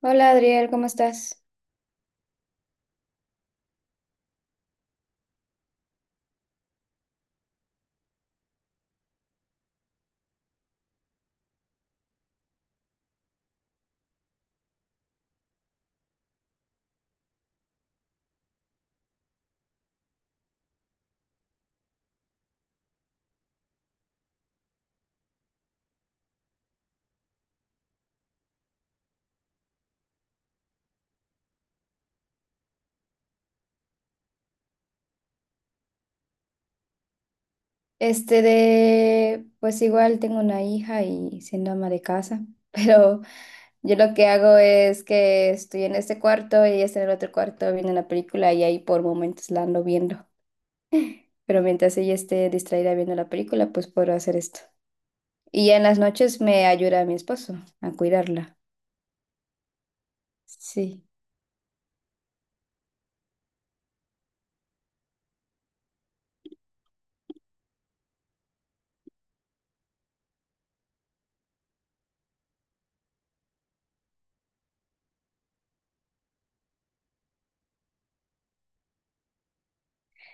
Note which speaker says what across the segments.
Speaker 1: Hola Adriel, ¿cómo estás? Pues igual tengo una hija y siendo ama de casa, pero yo lo que hago es que estoy en este cuarto y ella está en el otro cuarto viendo la película y ahí por momentos la ando viendo. Pero mientras ella esté distraída viendo la película, pues puedo hacer esto. Y ya en las noches me ayuda a mi esposo a cuidarla. Sí.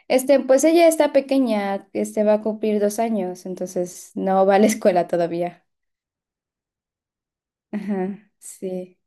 Speaker 1: Pues ella está pequeña, va a cumplir 2 años, entonces no va a la escuela todavía. Ajá, sí.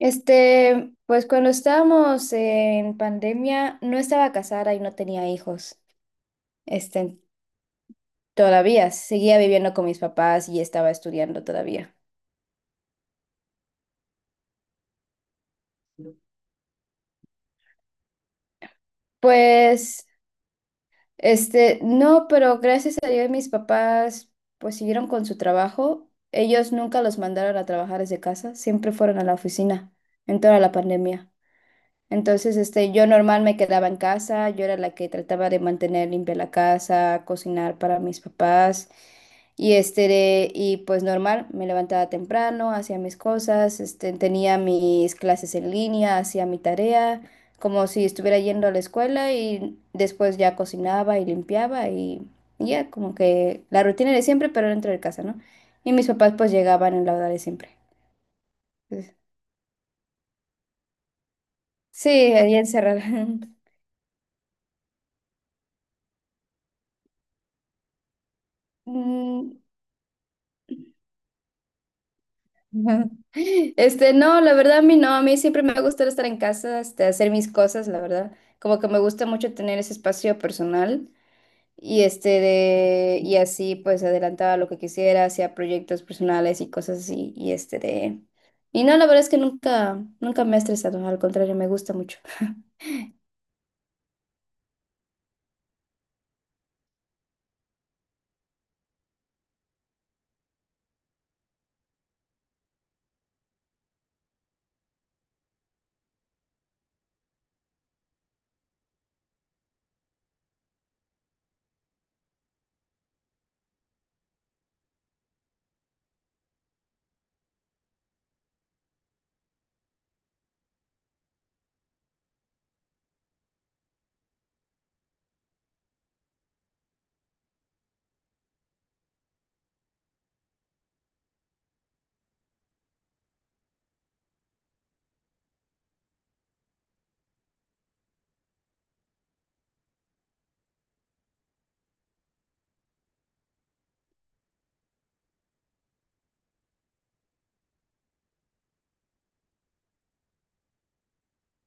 Speaker 1: Pues cuando estábamos en pandemia, no estaba casada y no tenía hijos. Este, Todavía seguía viviendo con mis papás y estaba estudiando todavía. Pues, no, pero gracias a Dios mis papás pues siguieron con su trabajo. Ellos nunca los mandaron a trabajar desde casa, siempre fueron a la oficina en toda la pandemia. Entonces, yo normal me quedaba en casa, yo era la que trataba de mantener limpia la casa, cocinar para mis papás. Y pues normal, me levantaba temprano, hacía mis cosas, tenía mis clases en línea, hacía mi tarea, como si estuviera yendo a la escuela y después ya cocinaba y limpiaba, y ya como que la rutina de siempre, pero dentro de casa, ¿no? Y mis papás pues llegaban en la hora de siempre. Entonces. Sí, ahí encerrada. Ajá. No, la verdad a mí no, a mí siempre me ha gustado estar en casa, hacer mis cosas, la verdad. Como que me gusta mucho tener ese espacio personal y este de y así pues adelantaba lo que quisiera, hacía proyectos personales y cosas así y este de y no, la verdad es que nunca me ha estresado, al contrario, me gusta mucho.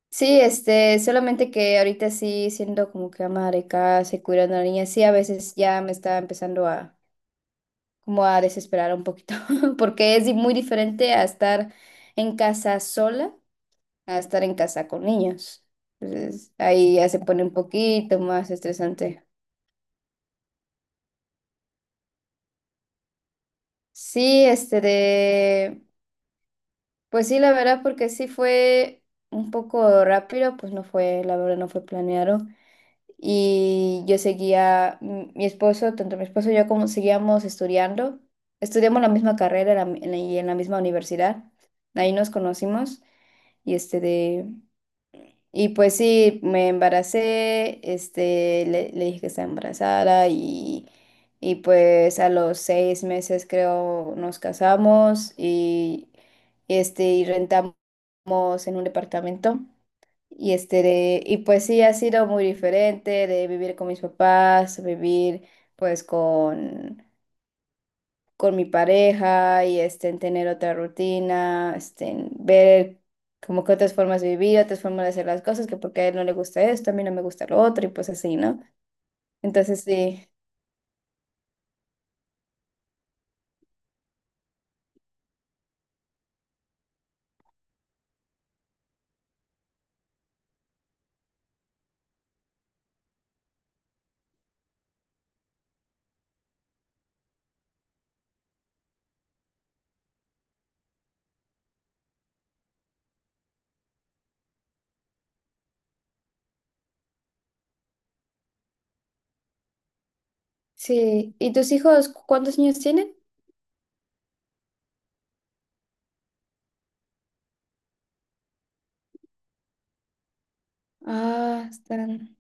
Speaker 1: Sí, solamente que ahorita sí siendo como que ama de casa y cuidando a la niña, sí a veces ya me está empezando a como a desesperar un poquito, porque es muy diferente a estar en casa sola a estar en casa con niños. Entonces, ahí ya se pone un poquito más estresante. Sí, pues sí, la verdad, porque sí fue un poco rápido, pues no fue, la verdad, no fue planeado. Y yo seguía, mi esposo, tanto mi esposo y yo como seguíamos estudiando, estudiamos la misma carrera en la mi- en la- y en la misma universidad, ahí nos conocimos. Y este de... Y pues sí, me embaracé, le dije que estaba embarazada, y pues a los 6 meses creo nos casamos y rentamos en un departamento. Y pues sí ha sido muy diferente de vivir con mis papás, vivir pues con mi pareja y en tener otra rutina, en ver como que otras formas de vivir, otras formas de hacer las cosas, que porque a él no le gusta esto, a mí no me gusta lo otro y pues así, ¿no? Entonces sí, sí. ¿Y tus hijos cuántos años tienen? Ah, están.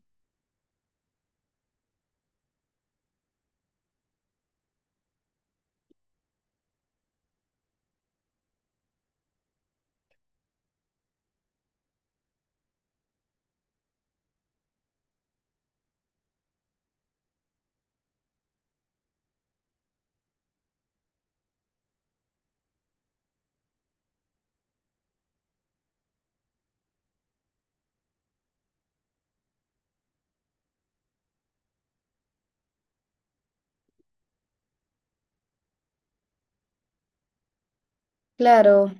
Speaker 1: Claro,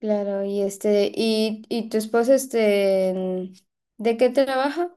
Speaker 1: claro. Y tu esposo, ¿de qué trabaja?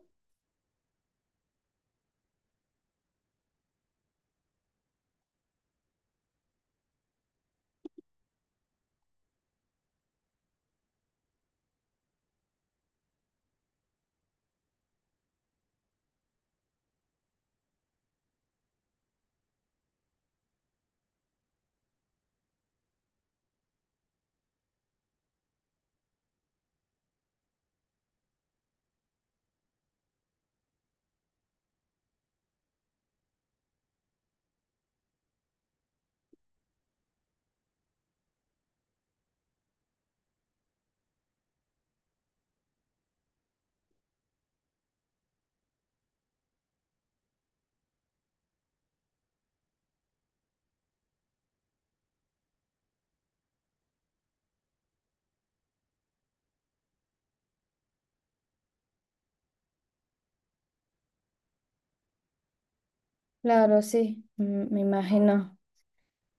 Speaker 1: Claro, sí, me imagino.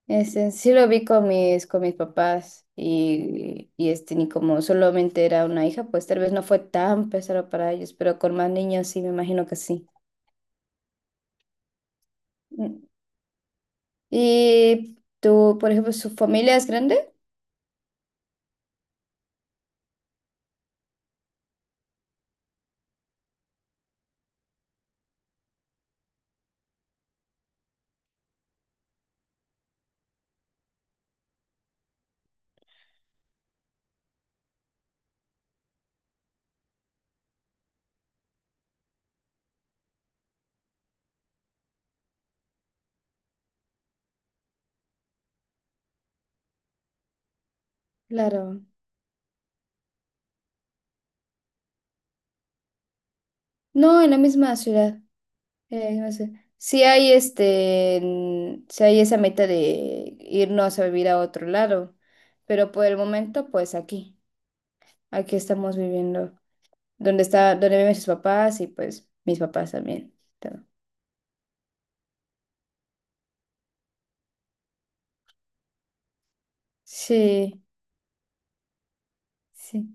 Speaker 1: Sí lo vi con mis papás y, ni como solamente era una hija, pues tal vez no fue tan pesado para ellos, pero con más niños sí, me imagino que sí. Mm. ¿Y tú, por ejemplo, su familia es grande? Claro. No, en la misma ciudad. No sé. Si hay sí hay esa meta de irnos a vivir a otro lado, pero por el momento, pues aquí, aquí estamos viviendo, donde viven sus papás y pues mis papás también. Sí, sí,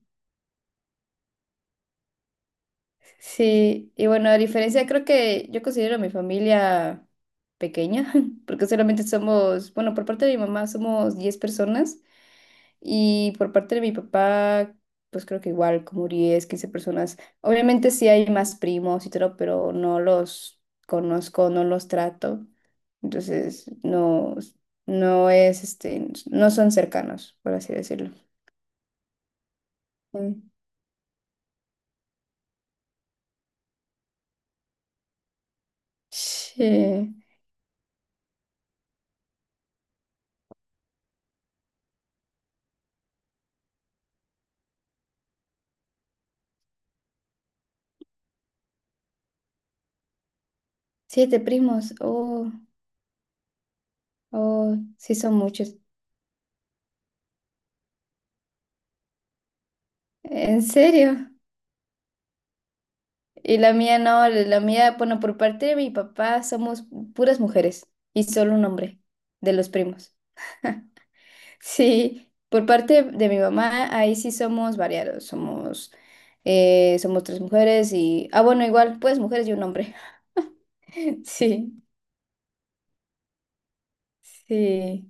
Speaker 1: sí. Y bueno, a diferencia, creo que yo considero a mi familia pequeña, porque solamente somos, bueno, por parte de mi mamá somos 10 personas y por parte de mi papá, pues creo que igual, como 10 15 personas. Obviamente sí hay más primos y todo, pero no los conozco, no los trato. Entonces, no, no es, no son cercanos, por así decirlo. Mm. Sí. Siete primos. Oh. Oh, sí son muchos. ¿En serio? Y la mía no, la mía, bueno, por parte de mi papá somos puras mujeres y solo un hombre de los primos. Sí, por parte de mi mamá, ahí sí somos variados, somos tres mujeres y, ah, bueno, igual, pues mujeres y un hombre. Sí, sí,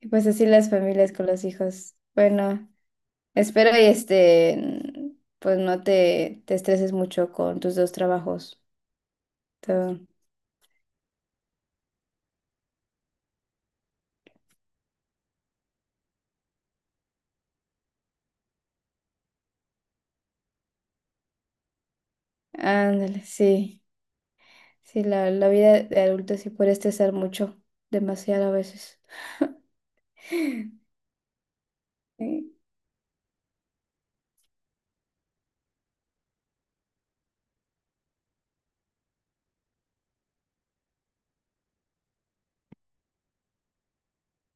Speaker 1: y pues así las familias con los hijos. Bueno, espero y pues no te estreses mucho con tus dos trabajos. Ándale, sí. Sí, la vida de adulto sí puede estresar mucho, demasiado a veces. Sí,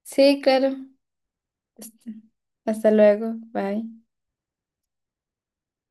Speaker 1: sí, claro. Hasta hasta luego. Bye.